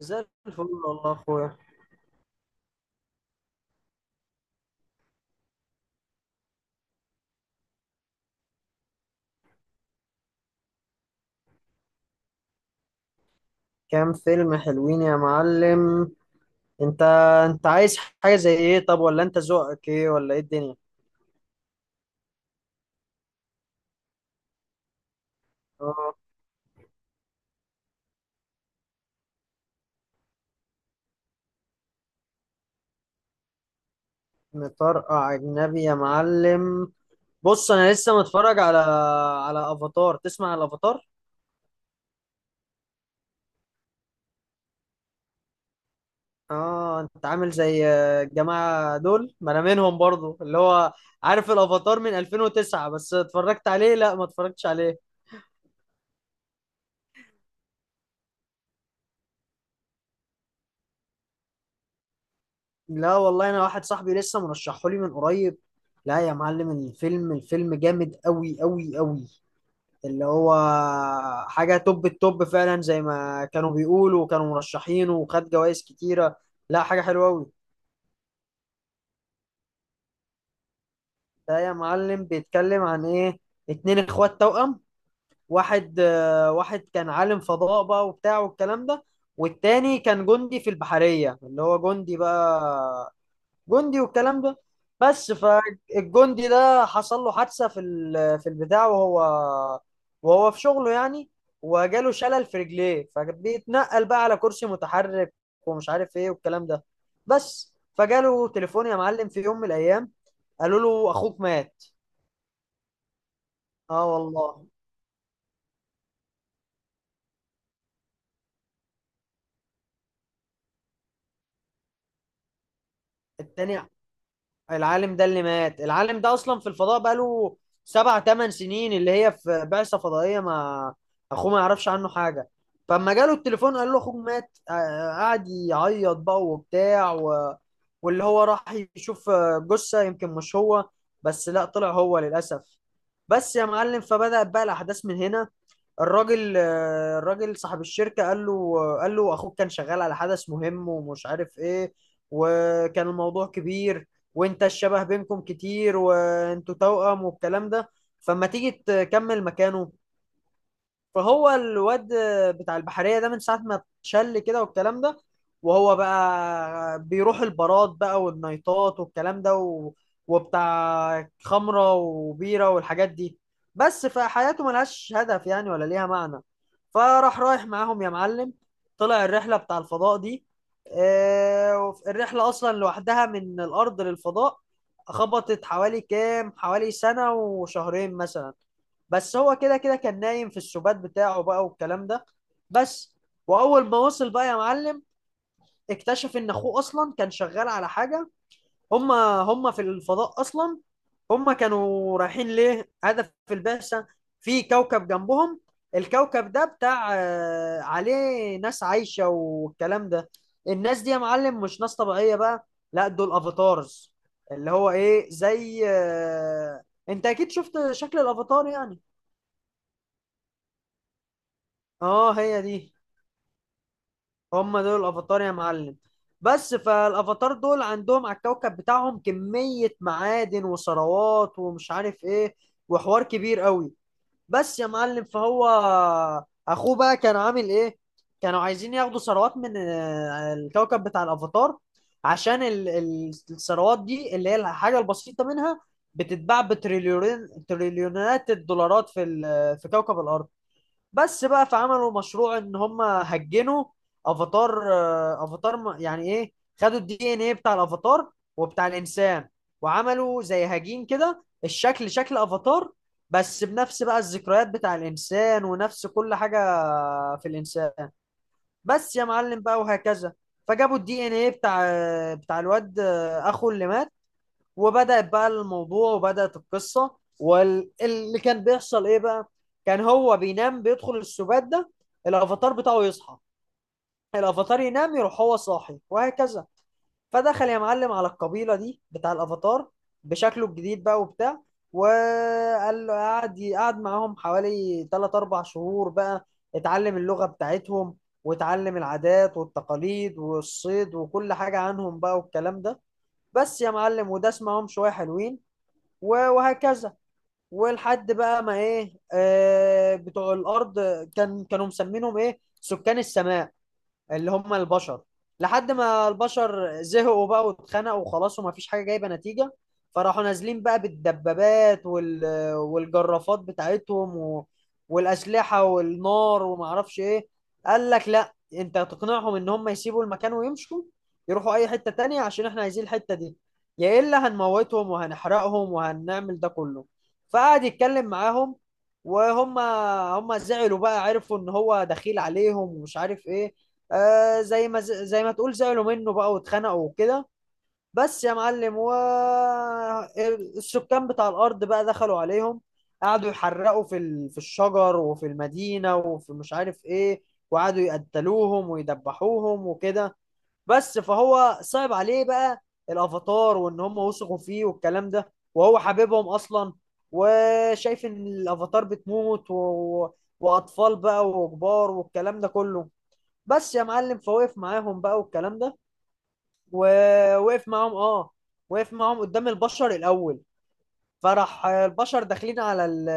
زي الفل، والله يا اخويا. كام فيلم حلوين يا معلم؟ انت انت عايز حاجة زي ايه؟ طب، ولا انت ذوقك ايه؟ ولا ايه الدنيا؟ اه. مطرقع اجنبي يا معلم؟ بص، انا لسه متفرج على افاتار. تسمع على الافاتار؟ اه، انت عامل زي الجماعة دول، ما انا منهم برضو، اللي هو عارف الافاتار من 2009 بس اتفرجت عليه، لا ما اتفرجتش عليه. لا والله، انا واحد صاحبي لسه مرشحه لي من قريب. لا يا معلم، الفيلم جامد قوي قوي قوي، اللي هو حاجة توب التوب فعلا، زي ما كانوا بيقولوا، وكانوا مرشحينه وخد جوائز كتيرة. لا، حاجة حلوة قوي. ده يا معلم بيتكلم عن ايه؟ اتنين اخوات توأم. واحد كان عالم فضاء بقى وبتاع والكلام ده. والتاني كان جندي في البحرية، اللي هو جندي بقى، جندي والكلام ده. بس فالجندي ده حصل له حادثة في في البتاع، وهو في شغله يعني، وجاله شلل في رجليه، فبيتنقل بقى على كرسي متحرك، ومش عارف ايه والكلام ده. بس فجاله تليفون يا معلم في يوم من الايام، قالوا له اخوك مات. اه والله. التاني، العالم ده اللي مات، العالم ده اصلا في الفضاء بقاله سبع ثمان سنين، اللي هي في بعثة فضائية ما اخوه ما يعرفش عنه حاجة. فلما جاله التليفون قال له اخوك مات، قعد يعيط بقى وبتاع و... واللي هو راح يشوف جثة يمكن مش هو، بس لا طلع هو للأسف. بس يا معلم فبدأت بقى الأحداث من هنا. الراجل صاحب الشركة قال له أخوك كان شغال على حدث مهم ومش عارف إيه، وكان الموضوع كبير، وأنت الشبه بينكم كتير وأنتوا توأم والكلام ده، فما تيجي تكمل مكانه. فهو الواد بتاع البحرية ده من ساعة ما اتشل كده والكلام ده، وهو بقى بيروح البارات بقى والنايتات والكلام ده و... وبتاع خمرة وبيرة والحاجات دي، بس فحياته ملهاش هدف يعني ولا ليها معنى. فراح رايح معاهم يا معلم، طلع الرحلة بتاع الفضاء دي. الرحلة أصلا لوحدها من الأرض للفضاء خبطت حوالي كام، حوالي سنة وشهرين مثلا. بس هو كده كده كان نايم في السبات بتاعه بقى والكلام ده بس. واول ما وصل بقى يا معلم اكتشف ان اخوه اصلا كان شغال على حاجه. هما هما في الفضاء اصلا، هما كانوا رايحين ليه هدف في البعثه في كوكب جنبهم. الكوكب ده بتاع عليه ناس عايشه والكلام ده. الناس دي يا معلم مش ناس طبيعيه بقى، لا دول افاتارز، اللي هو ايه، زي انت اكيد شفت شكل الافاتار يعني. اه، هي دي. هم دول الافاتار يا معلم. بس فالافاتار دول عندهم على الكوكب بتاعهم كمية معادن وثروات ومش عارف ايه وحوار كبير قوي. بس يا معلم، فهو اخوه بقى كان عامل ايه، كانوا عايزين ياخدوا ثروات من الكوكب بتاع الافاتار، عشان الثروات دي اللي هي الحاجة البسيطة منها بتتباع بتريليونات، تريليونات الدولارات في في كوكب الارض. بس بقى فعملوا مشروع ان هم هجنوا افاتار، يعني ايه، خدوا الدي ان ايه بتاع الافاتار وبتاع الانسان، وعملوا زي هجين كده الشكل شكل افاتار، بس بنفس بقى الذكريات بتاع الانسان ونفس كل حاجة في الانسان. بس يا معلم بقى وهكذا. فجابوا الدي ان ايه بتاع الواد، اخو اللي مات. وبدأت بقى الموضوع وبدأت القصة، واللي كان بيحصل ايه بقى، كان هو بينام بيدخل السبات ده، الافاتار بتاعه يصحى، الافاتار ينام يروح هو صاحي وهكذا. فدخل يا معلم على القبيلة دي بتاع الافاتار بشكله الجديد بقى وبتاع، وقال له قعد معاهم حوالي 3 4 شهور بقى، اتعلم اللغة بتاعتهم، واتعلم العادات والتقاليد والصيد وكل حاجة عنهم بقى والكلام ده. بس يا معلم، وده اسمعهم شوية حلوين، وهكذا. ولحد بقى ما ايه، بتوع الارض كانوا مسمينهم ايه سكان السماء، اللي هم البشر. لحد ما البشر زهقوا بقى واتخنقوا وخلاص وما فيش حاجة جايبة نتيجة، فراحوا نازلين بقى بالدبابات وال... والجرافات بتاعتهم و... والأسلحة والنار وما اعرفش ايه. قال لك لا، انت هتقنعهم ان هم يسيبوا المكان ويمشوا، يروحوا اي حتة تانية عشان احنا عايزين الحتة دي، يا الا هنموتهم وهنحرقهم وهنعمل ده كله. فقعد يتكلم معاهم، وهم زعلوا بقى، عرفوا ان هو دخيل عليهم ومش عارف ايه. زي ما تقول زعلوا منه بقى واتخانقوا وكده. بس يا معلم، و السكان بتاع الارض بقى دخلوا عليهم، قعدوا يحرقوا في ال... في الشجر وفي المدينه وفي مش عارف ايه، وقعدوا يقتلوهم ويدبحوهم وكده. بس فهو صعب عليه بقى الافاتار، وان هم وثقوا فيه والكلام ده وهو حبيبهم اصلا، وشايف ان الافاتار بتموت و... واطفال بقى وكبار والكلام ده كله. بس يا معلم، فوقف معاهم بقى والكلام ده، ووقف معاهم اه، وقف معاهم قدام البشر الاول. فراح البشر داخلين على ال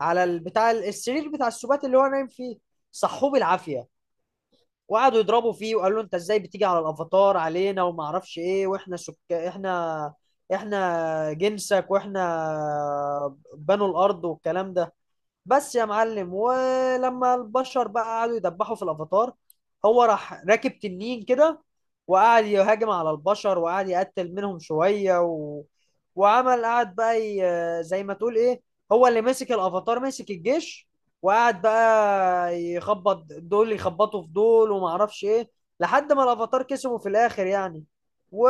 على ال- بتاع ال- السرير بتاع السبات اللي هو نايم فيه، صحوه بالعافيه، وقعدوا يضربوا فيه وقالوا له انت ازاي بتيجي على الافاتار علينا وما اعرفش ايه، واحنا احنا جنسك واحنا بنو الارض والكلام ده. بس يا معلم، ولما البشر بقى قعدوا يدبحوا في الافاتار، هو راح راكب تنين كده، وقعد يهاجم على البشر، وقعد يقتل منهم شوية و... وعمل قعد بقى زي ما تقول ايه، هو اللي مسك الافاتار، مسك الجيش، وقعد بقى يخبط دول، يخبطوا في دول وما اعرفش ايه، لحد ما الافاتار كسبوا في الاخر يعني. و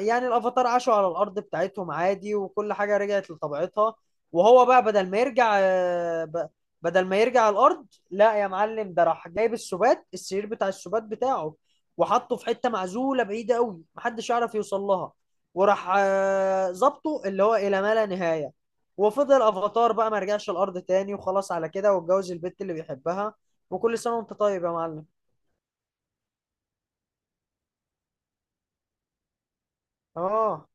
يعني الافاتار عاشوا على الارض بتاعتهم عادي، وكل حاجة رجعت لطبيعتها. وهو بقى بدل ما يرجع الارض، لا يا معلم ده راح جايب السبات، السرير بتاع السبات بتاعه، وحطه في حته معزوله بعيده قوي محدش يعرف يوصل لها. وراح ظبطه اللي هو الى ما لا نهايه. وفضل افاتار بقى، ما رجعش الارض تاني وخلاص على كده، واتجوز البت اللي بيحبها. وكل سنه وانت طيب يا معلم. اه،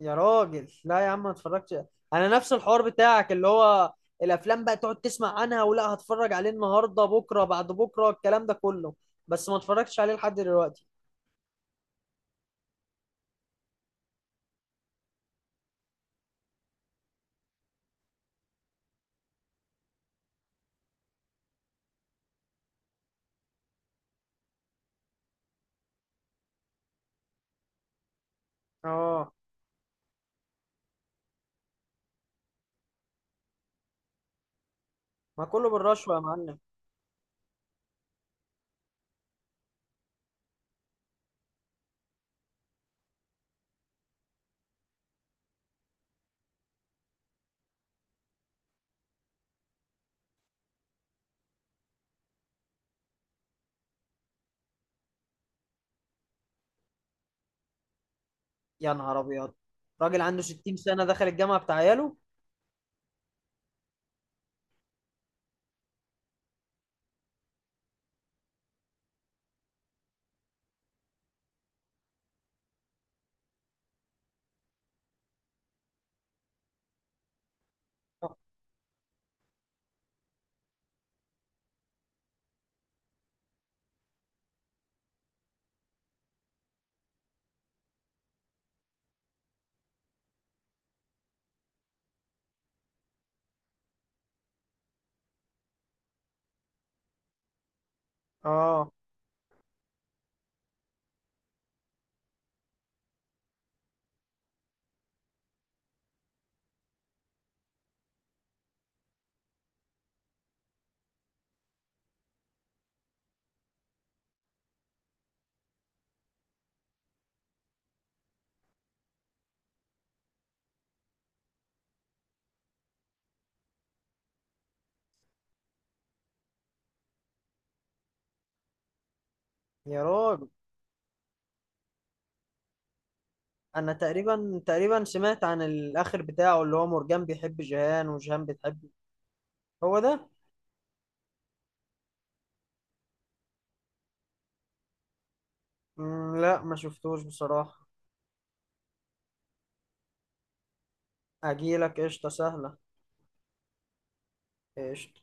يا راجل لا يا عم ما اتفرجتش. انا نفس الحوار بتاعك، اللي هو الافلام بقى تقعد تسمع عنها، ولا هتفرج عليه النهارده بكره بعد بكره الكلام ده كله، بس ما اتفرجتش عليه لحد دلوقتي. اه، ما كله بالرشوه يا معلم. يا نهار ابيض، راجل عنده 60 سنه دخل الجامعه بتاع عياله؟ اه، يا راجل، انا تقريبا سمعت عن الاخر بتاعه، اللي هو مرجان بيحب جيهان وجيهان بتحبه. هو ده. مم، لا ما شفتوش بصراحه. اجيلك قشطه سهله. قشطه.